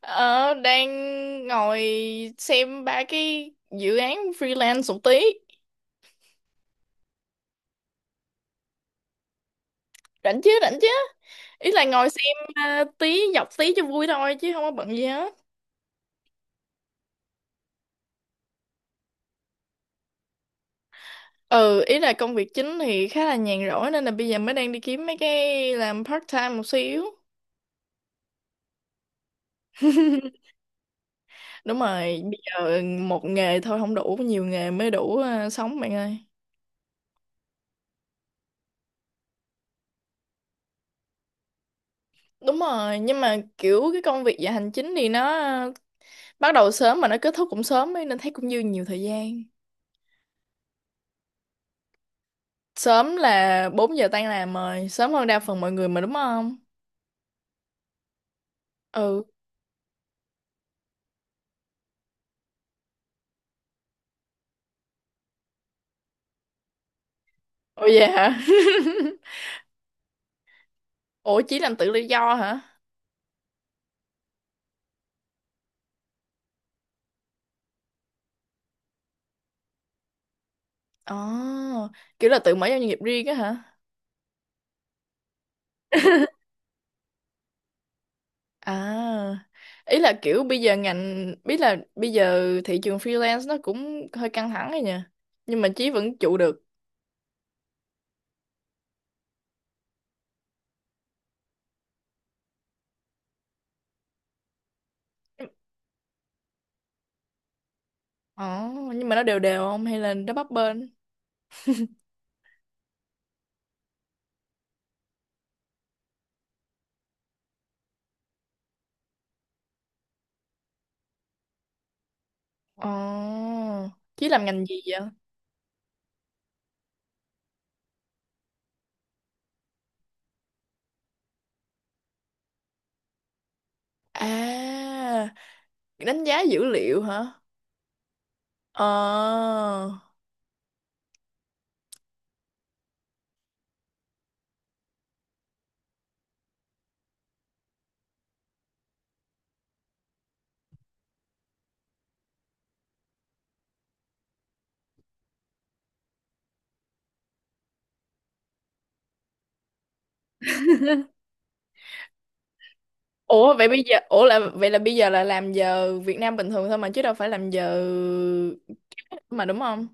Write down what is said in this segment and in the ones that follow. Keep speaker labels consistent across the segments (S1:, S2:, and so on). S1: Ờ, đang ngồi xem ba cái dự án freelance một tí. Rảnh chứ, rảnh chứ. Ý là ngồi xem à, tí, dọc tí cho vui thôi chứ không có bận gì hết. Ừ, ý là công việc chính thì khá là nhàn rỗi nên là bây giờ mới đang đi kiếm mấy cái làm part time một xíu. Đúng rồi, bây giờ một nghề thôi không đủ, nhiều nghề mới đủ à, sống bạn ơi. Đúng rồi, nhưng mà kiểu cái công việc dạ hành chính thì nó bắt đầu sớm mà nó kết thúc cũng sớm ấy, nên thấy cũng dư nhiều thời gian. Sớm là 4 giờ tan làm rồi, sớm hơn đa phần mọi người mà đúng không? Ừ. Ồ vậy hả? Ủa chỉ làm tự do do hả? Ồ, kiểu là tự mở ra doanh nghiệp riêng á hả? À, ý là kiểu bây giờ ngành, biết là bây giờ thị trường freelance nó cũng hơi căng thẳng rồi nha. Nhưng mà Chí vẫn trụ được. Ồ, nhưng mà nó đều đều không hay là nó bấp bênh? Ồ, Chí làm ngành gì vậy? À, đánh giá dữ liệu hả? Ờ. Ủa vậy bây giờ ủa là vậy là bây giờ là làm giờ Việt Nam bình thường thôi mà chứ đâu phải làm giờ mà đúng không?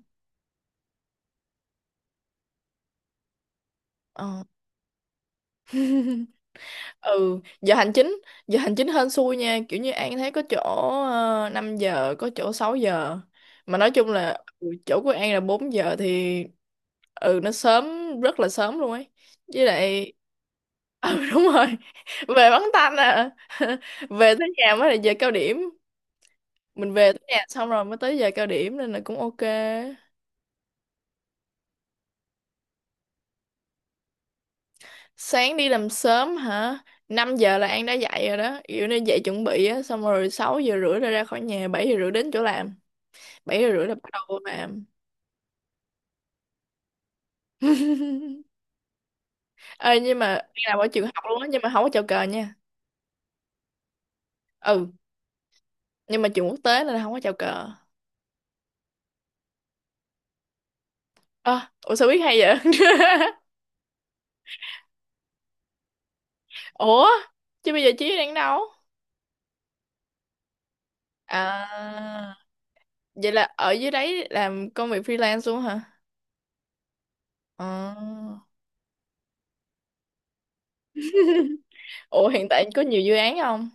S1: Ờ. Ừ, giờ hành chính hên xui nha, kiểu như An thấy có chỗ 5 giờ, có chỗ 6 giờ. Mà nói chung là ừ, chỗ của An là 4 giờ thì ừ nó sớm rất là sớm luôn ấy. Với lại ừ đúng rồi. Về bắn tanh à. Về tới nhà mới là giờ cao điểm. Mình về tới nhà xong rồi mới tới giờ cao điểm nên là cũng ok. Sáng đi làm sớm hả? Năm giờ là An đã dậy rồi đó. Kiểu nên dậy chuẩn bị á, xong rồi 6 giờ rưỡi là ra khỏi nhà, 7 giờ rưỡi đến chỗ làm. Bảy giờ rưỡi là bắt đầu vô làm. Ê, nhưng mà An làm ở trường học luôn á, nhưng mà không có chào cờ nha. Ừ, nhưng mà trường quốc tế nên là không có chào cờ. Ơ, ủa sao biết hay vậy? Ủa, chứ bây giờ Chí đang đâu? À, vậy là ở dưới đấy làm công việc freelance luôn hả? Ờ. Ủa hiện tại có nhiều dự án không?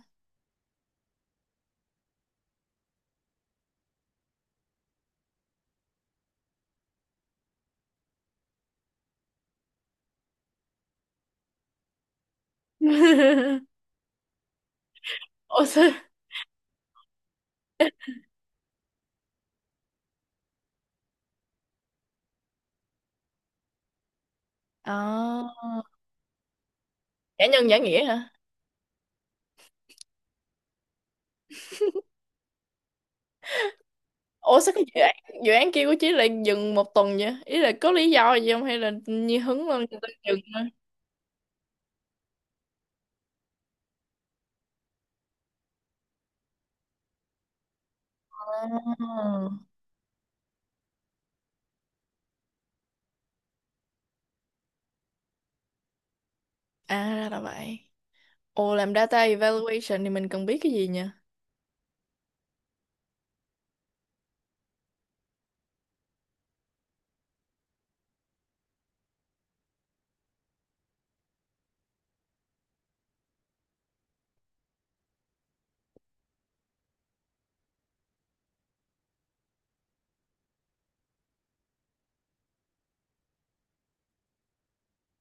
S1: Ủa sao À, giả nhân giả nghĩa hả? Ủa sao cái dự án kia của chị lại dừng một tuần vậy? Ý là có lý do gì không hay là như hứng lên người ta dừng thôi? À, à ra là vậy. Ồ làm data evaluation thì mình cần biết cái gì nhỉ?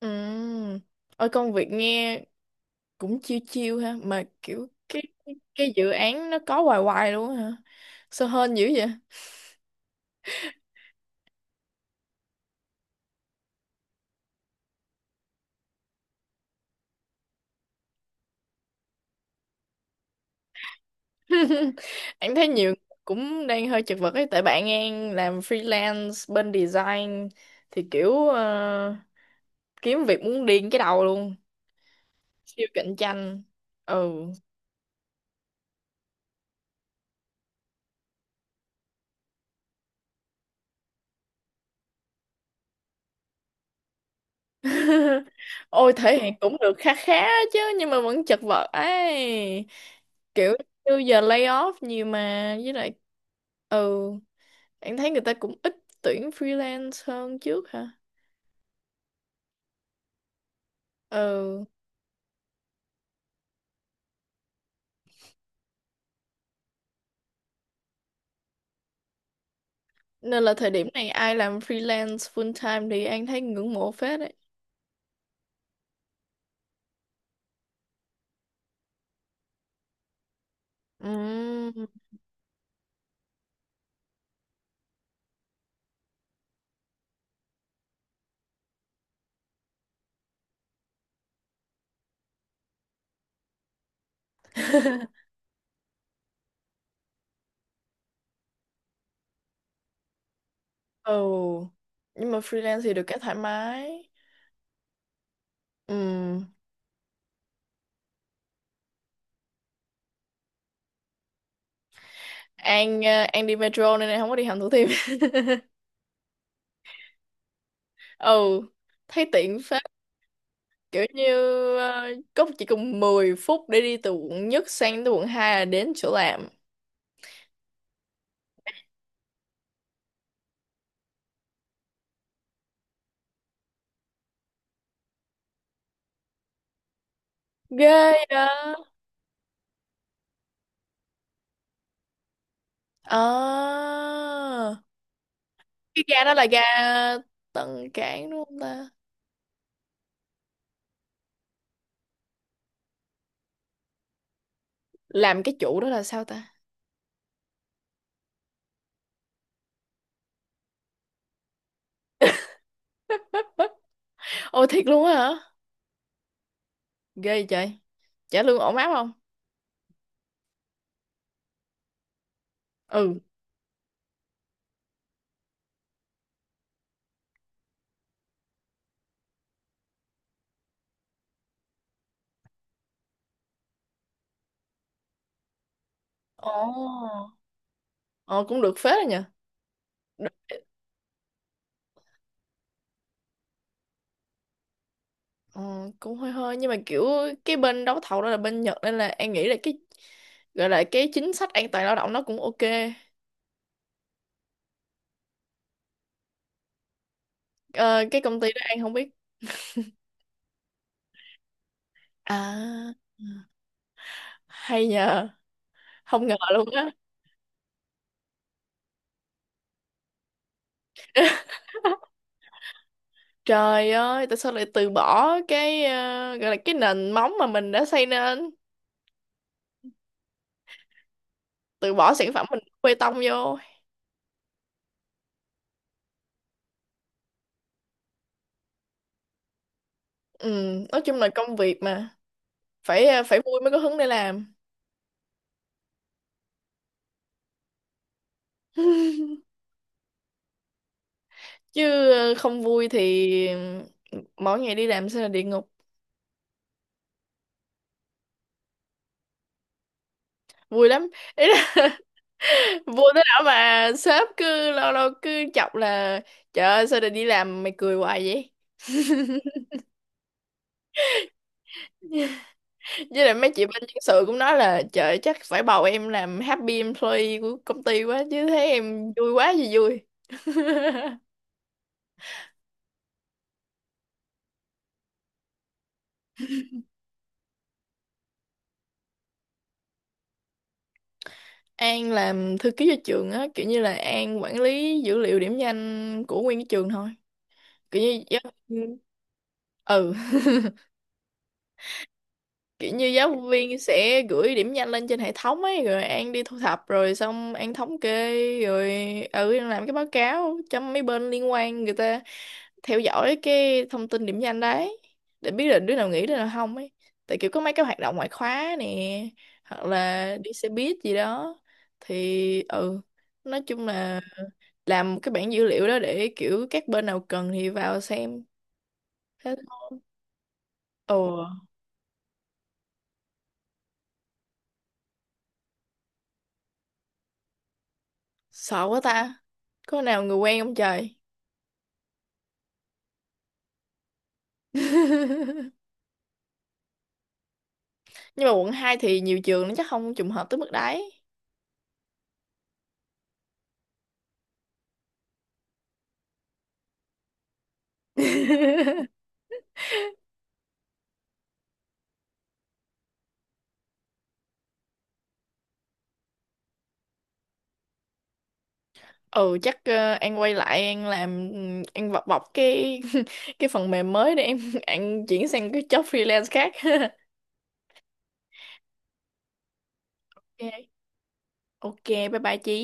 S1: Ừ. Ôi công việc nghe cũng chiêu chiêu ha mà kiểu cái dự án nó có hoài hoài luôn á hả? Sao hên dữ vậy? Em thấy nhiều người cũng đang hơi chật vật ấy tại bạn em làm freelance bên design thì kiểu kiếm việc muốn điên cái đầu luôn, siêu cạnh tranh. Ừ. Ôi thể hiện cũng được khá khá chứ nhưng mà vẫn chật vật ấy, kiểu như giờ lay off nhiều mà với lại ừ em thấy người ta cũng ít tuyển freelance hơn trước hả. Ừ. Nên là thời điểm này ai làm freelance full time thì anh thấy ngưỡng mộ phết đấy. Ừm. Ồ. Nhưng mà freelance thì được cái thoải mái. Ừm. An An đi metro nên em không có đi hầm Thủ Thiêm. Ồ. Thấy tiện phết. Kiểu như ờ, có chỉ cần 10 phút để đi từ quận nhất sang tới quận 2 là đến chỗ làm. Ghê đó. Ờ. Cái ga đó là ga Tân Cảng đúng không ta? Làm cái chủ đó là sao ta? Ôi thiệt luôn á hả? Ghê vậy trời. Trả lương ổn áp không? Ừ. Ồ. Ờ cũng được phết rồi nhờ. Đ- Ờ, cũng hơi hơi nhưng mà kiểu cái bên đấu thầu đó là bên Nhật nên là An nghĩ là cái gọi là cái chính sách an toàn lao động nó cũng ok. Ờ, cái công ty đó An không biết. À. Hay nhờ. Không ngờ luôn á. Trời ơi, tại sao lại từ bỏ cái gọi là cái nền móng mà mình đã xây nên, từ bỏ sản phẩm mình đổ bê tông vô. Ừ, nói chung là công việc mà. Phải phải vui mới có hứng để làm chứ không vui thì mỗi ngày đi làm sẽ là địa ngục. Vui lắm, ý là vui tới đó mà sếp cứ lâu lâu cứ chọc là trời ơi sao lại đi làm mày cười hoài vậy, với lại mấy chị bên nhân sự cũng nói là trời ơi, chắc phải bầu em làm happy employee của công ty quá chứ thấy em vui quá gì vui. An làm thư ký cho trường á kiểu như là An quản lý dữ liệu điểm danh của nguyên cái trường thôi, kiểu như ừ kiểu như giáo viên sẽ gửi điểm danh lên trên hệ thống ấy rồi An đi thu thập rồi xong An thống kê rồi ừ An làm cái báo cáo cho mấy bên liên quan người ta theo dõi cái thông tin điểm danh đấy để biết là đứa nào nghỉ đứa nào không ấy, tại kiểu có mấy cái hoạt động ngoại khóa nè hoặc là đi xe buýt gì đó thì ừ nói chung là làm một cái bảng dữ liệu đó để kiểu các bên nào cần thì vào xem. Thế. Ồ. Sợ quá ta, có nào người quen không trời. Nhưng mà quận 2 thì nhiều trường nó chắc không trùng hợp tới mức đấy. Ừ chắc An quay lại An làm, An bọc bọc cái cái phần mềm mới để em An chuyển sang cái job freelance khác. Ok. Ok bye bye Chí.